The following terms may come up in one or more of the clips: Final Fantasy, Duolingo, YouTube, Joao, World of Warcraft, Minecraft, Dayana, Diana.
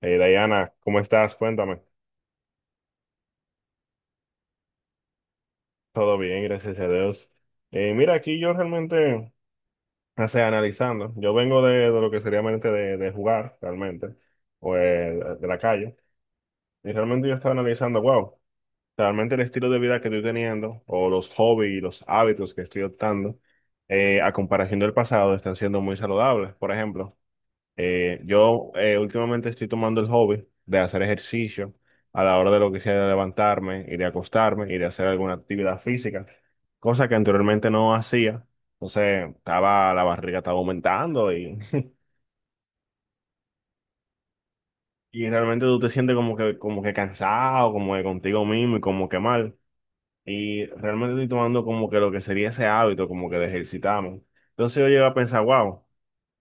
Hey, Diana, ¿cómo estás? Cuéntame. Todo bien, gracias a Dios. Mira, aquí yo realmente, o sea, analizando, yo vengo de lo que sería mente de jugar, realmente, o de la calle, y realmente yo estaba analizando, wow, realmente el estilo de vida que estoy teniendo, o los hobbies y los hábitos que estoy optando, a comparación del pasado, están siendo muy saludables. Por ejemplo, yo últimamente estoy tomando el hobby de hacer ejercicio a la hora de lo que sea de levantarme, ir a acostarme, ir a hacer alguna actividad física, cosa que anteriormente no hacía. Entonces, la barriga estaba aumentando y, y realmente tú te sientes como que cansado, como que contigo mismo y como que mal. Y realmente estoy tomando como que lo que sería ese hábito, como que de ejercitarme. Entonces yo llego a pensar, wow, o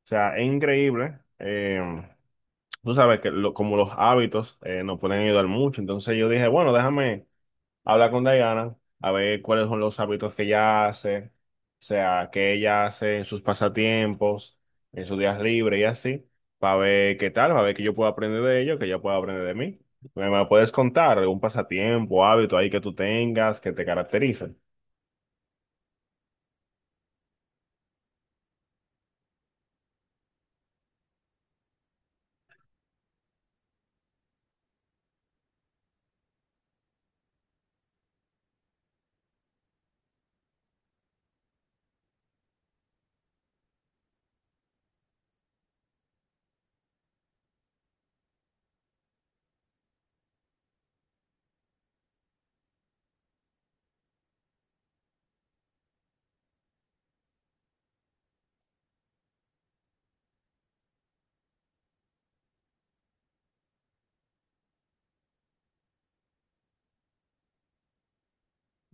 sea, es increíble. Tú sabes que como los hábitos nos pueden ayudar mucho. Entonces yo dije, bueno, déjame hablar con Diana, a ver cuáles son los hábitos que ella hace, o sea, que ella hace en sus pasatiempos, en sus días libres y así, para ver qué tal, para ver que yo puedo aprender de ello, que ella pueda aprender de mí. ¿Me puedes contar algún pasatiempo, hábito ahí que tú tengas, que te caracterice?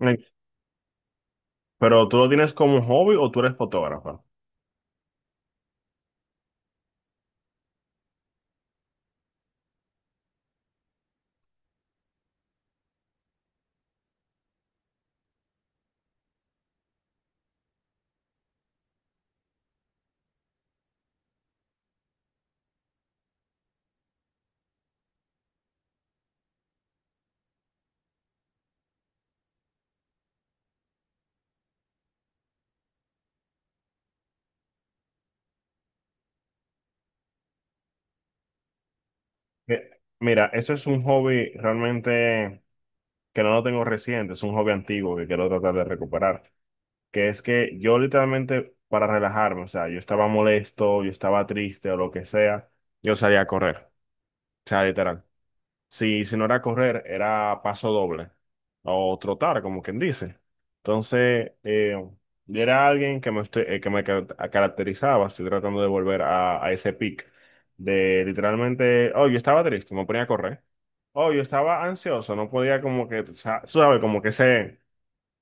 Eh, ¿Pero tú lo tienes como un hobby o tú eres fotógrafa? Eh, Mira, eso es un hobby realmente que no lo tengo reciente, es un hobby antiguo que quiero tratar de recuperar, que es que yo literalmente para relajarme, o sea, yo estaba molesto, yo estaba triste o lo que sea, yo salía a correr, o sea, literal. Si, si no era correr, era paso doble o trotar, como quien dice. Entonces, yo era alguien que me, estoy- que me ca- caracterizaba, estoy tratando de volver a ese pic de literalmente, oh, yo estaba triste, me ponía a correr. Oh, yo estaba ansioso, no podía como que, sabes, como que ese,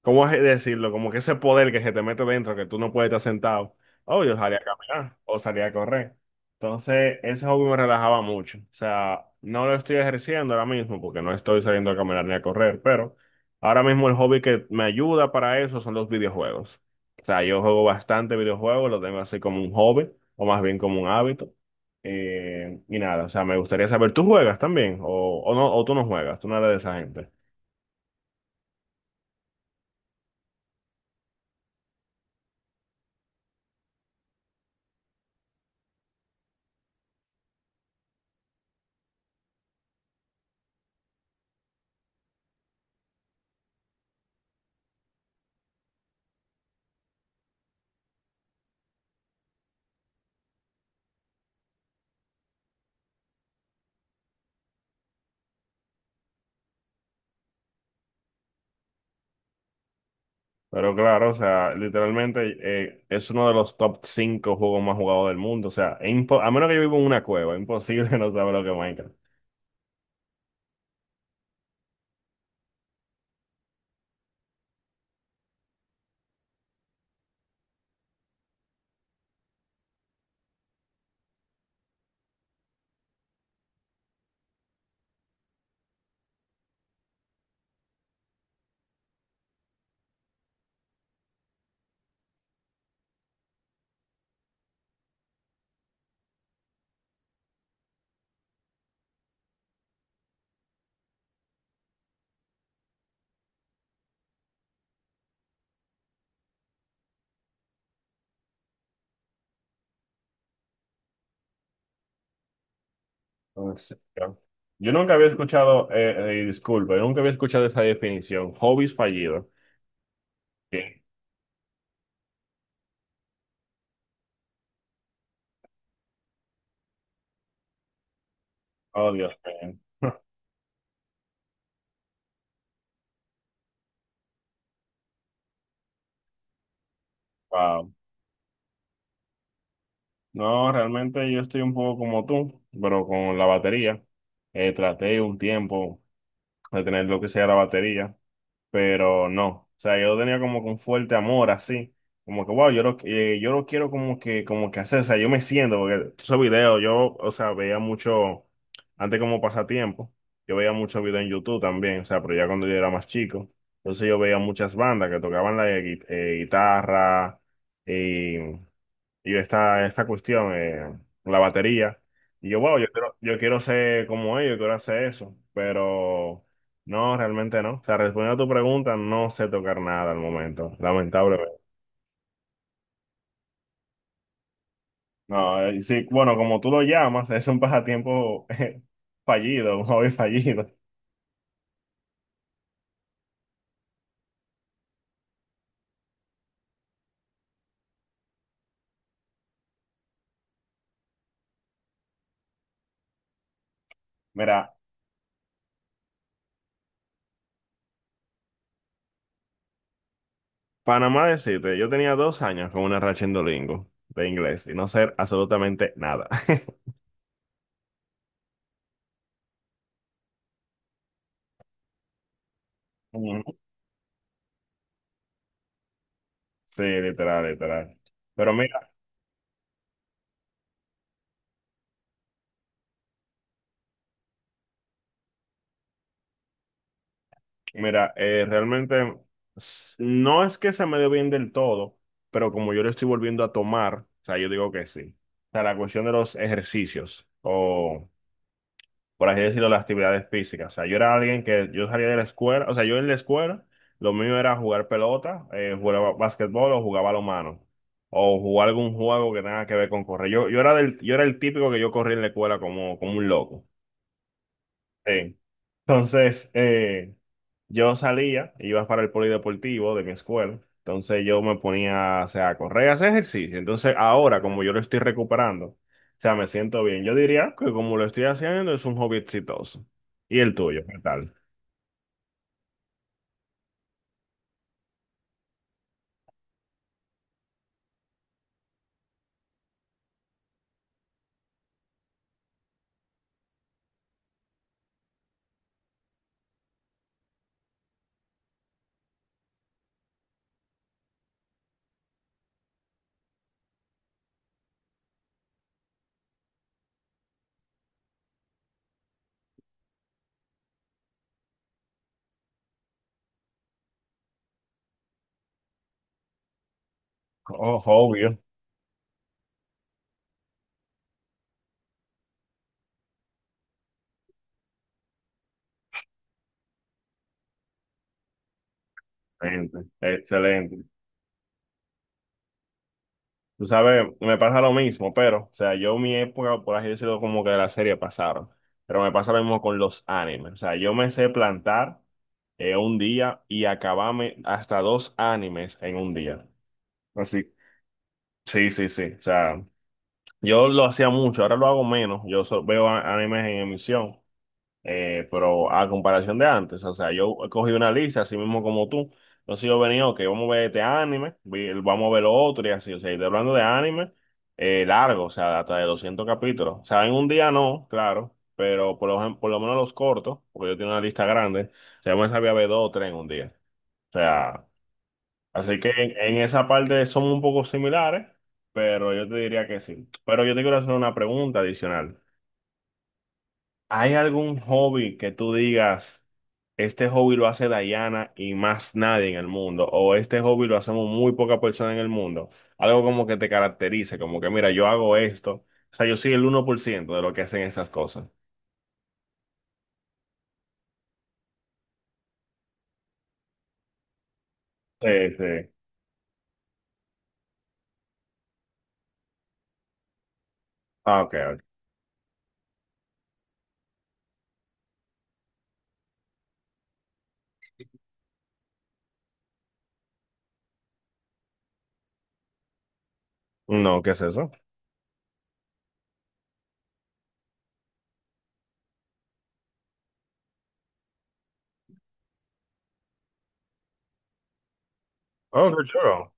¿cómo es decirlo? Como que ese poder que se te mete dentro, que tú no puedes estar sentado. Oh, yo salía a caminar o salía a correr. Entonces, ese hobby me relajaba mucho. O sea, no lo estoy ejerciendo ahora mismo porque no estoy saliendo a caminar ni a correr, pero ahora mismo el hobby que me ayuda para eso son los videojuegos. O sea, yo juego bastante videojuegos, lo tengo así como un hobby o más bien como un hábito. Y nada, o sea, me gustaría saber, ¿tú juegas también? ¿O no, o tú no juegas? ¿Tú no eres de esa gente? Pero claro, o sea, literalmente es uno de los top 5 juegos más jugados del mundo. O sea, a menos que yo viva en una cueva, es imposible no saber lo que es Minecraft. Entonces, yo nunca había escuchado, disculpa, yo nunca había escuchado esa definición, hobbies fallidos. Sí. Oh, Dios mío. Wow. No, realmente yo estoy un poco como tú, pero con la batería. Traté un tiempo de tener lo que sea la batería, pero no. O sea, yo tenía como que un fuerte amor así, como que, wow, yo lo quiero como que hacer, o sea, yo me siento, porque esos videos, yo, o sea, veía mucho, antes como pasatiempo, yo veía muchos videos en YouTube también, o sea, pero ya cuando yo era más chico, entonces yo veía muchas bandas que tocaban la guitarra, eh, y esta cuestión, la batería. Y yo, wow, yo quiero ser como ellos, quiero hacer eso, pero no, realmente no. O sea, respondiendo a tu pregunta, no sé tocar nada al momento, lamentablemente. No, sí, bueno, como tú lo llamas, es un pasatiempo fallido, un hobby fallido. Mira, Panamá decirte, yo tenía 2 años con una racha en Duolingo de inglés y no ser absolutamente nada. Ujú. Sí, literal, literal. Pero mira, realmente no es que se me dé bien del todo, pero como yo lo estoy volviendo a tomar, o sea, yo digo que sí. O sea, la cuestión de los ejercicios, o por así decirlo, las actividades físicas. O sea, yo era alguien que yo salía de la escuela, o sea, yo en la escuela, lo mío era jugar pelota, jugaba básquetbol o jugaba mano o jugar algún juego que tenga que ver con correr. Yo era el típico que yo corría en la escuela como, como un loco. Sí. Entonces, yo salía, iba para el polideportivo de mi escuela, entonces yo me ponía, o sea, a correr, a hacer ejercicio. Entonces, ahora, como yo lo estoy recuperando, o sea, me siento bien. Yo diría que como lo estoy haciendo, es un hobby exitoso. ¿Y el tuyo? ¿Qué tal? Oh, obvio. Excelente, excelente. Tú sabes, me pasa lo mismo, pero, o sea, yo mi época, por así decirlo, como que de la serie pasaron. Pero me pasa lo mismo con los animes. O sea, yo me sé plantar en un día y acabame hasta dos animes en un día. Así, sí, sí, sí. O sea, yo lo hacía mucho, ahora lo hago menos. Yo veo animes en emisión, pero a comparación de antes, o sea, yo cogí una lista, así mismo como tú. Entonces yo venía, ok, vamos a ver este anime, vamos a ver lo otro y así. O sea, y estoy hablando de anime largo, o sea, hasta de 200 capítulos. O sea, en un día no, claro, pero por lo menos los cortos, porque yo tengo una lista grande, o sea, yo me sabía ver dos o tres en un día. O sea, así que en esa parte somos un poco similares, pero yo te diría que sí. Pero yo te quiero hacer una pregunta adicional. ¿Hay algún hobby que tú digas, este hobby lo hace Dayana y más nadie en el mundo? ¿O este hobby lo hacemos muy poca persona en el mundo? Algo como que te caracterice, como que mira, yo hago esto. O sea, yo soy el 1% de lo que hacen estas cosas. Sí, sí. Ah, ok, ok. No, ¿qué es eso? Oh, qué chulo.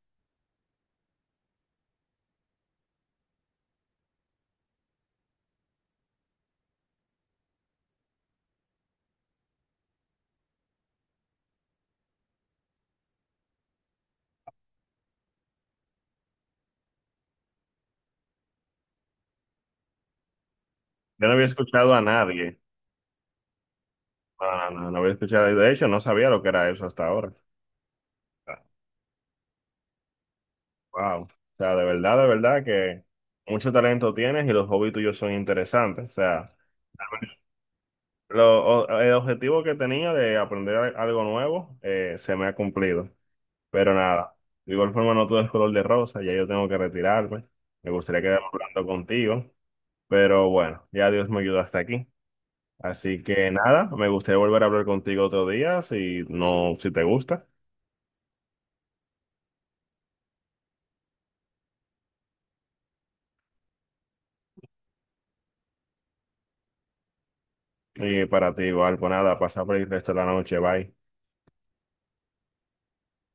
Yo no había escuchado a nadie. No, no, no, no había escuchado. De hecho, no sabía lo que era eso hasta ahora. Wow. O sea, de verdad que mucho talento tienes y los hobbies tuyos son interesantes. O sea, el objetivo que tenía de aprender algo nuevo se me ha cumplido. Pero nada, de igual forma no todo es color de rosa, ya yo tengo que retirarme. Me gustaría quedar hablando contigo, pero bueno, ya Dios me ayudó hasta aquí. Así que nada, me gustaría volver a hablar contigo otro día, si no, si te gusta. Y para ti igual, pues nada, pasa por el resto de la noche, bye.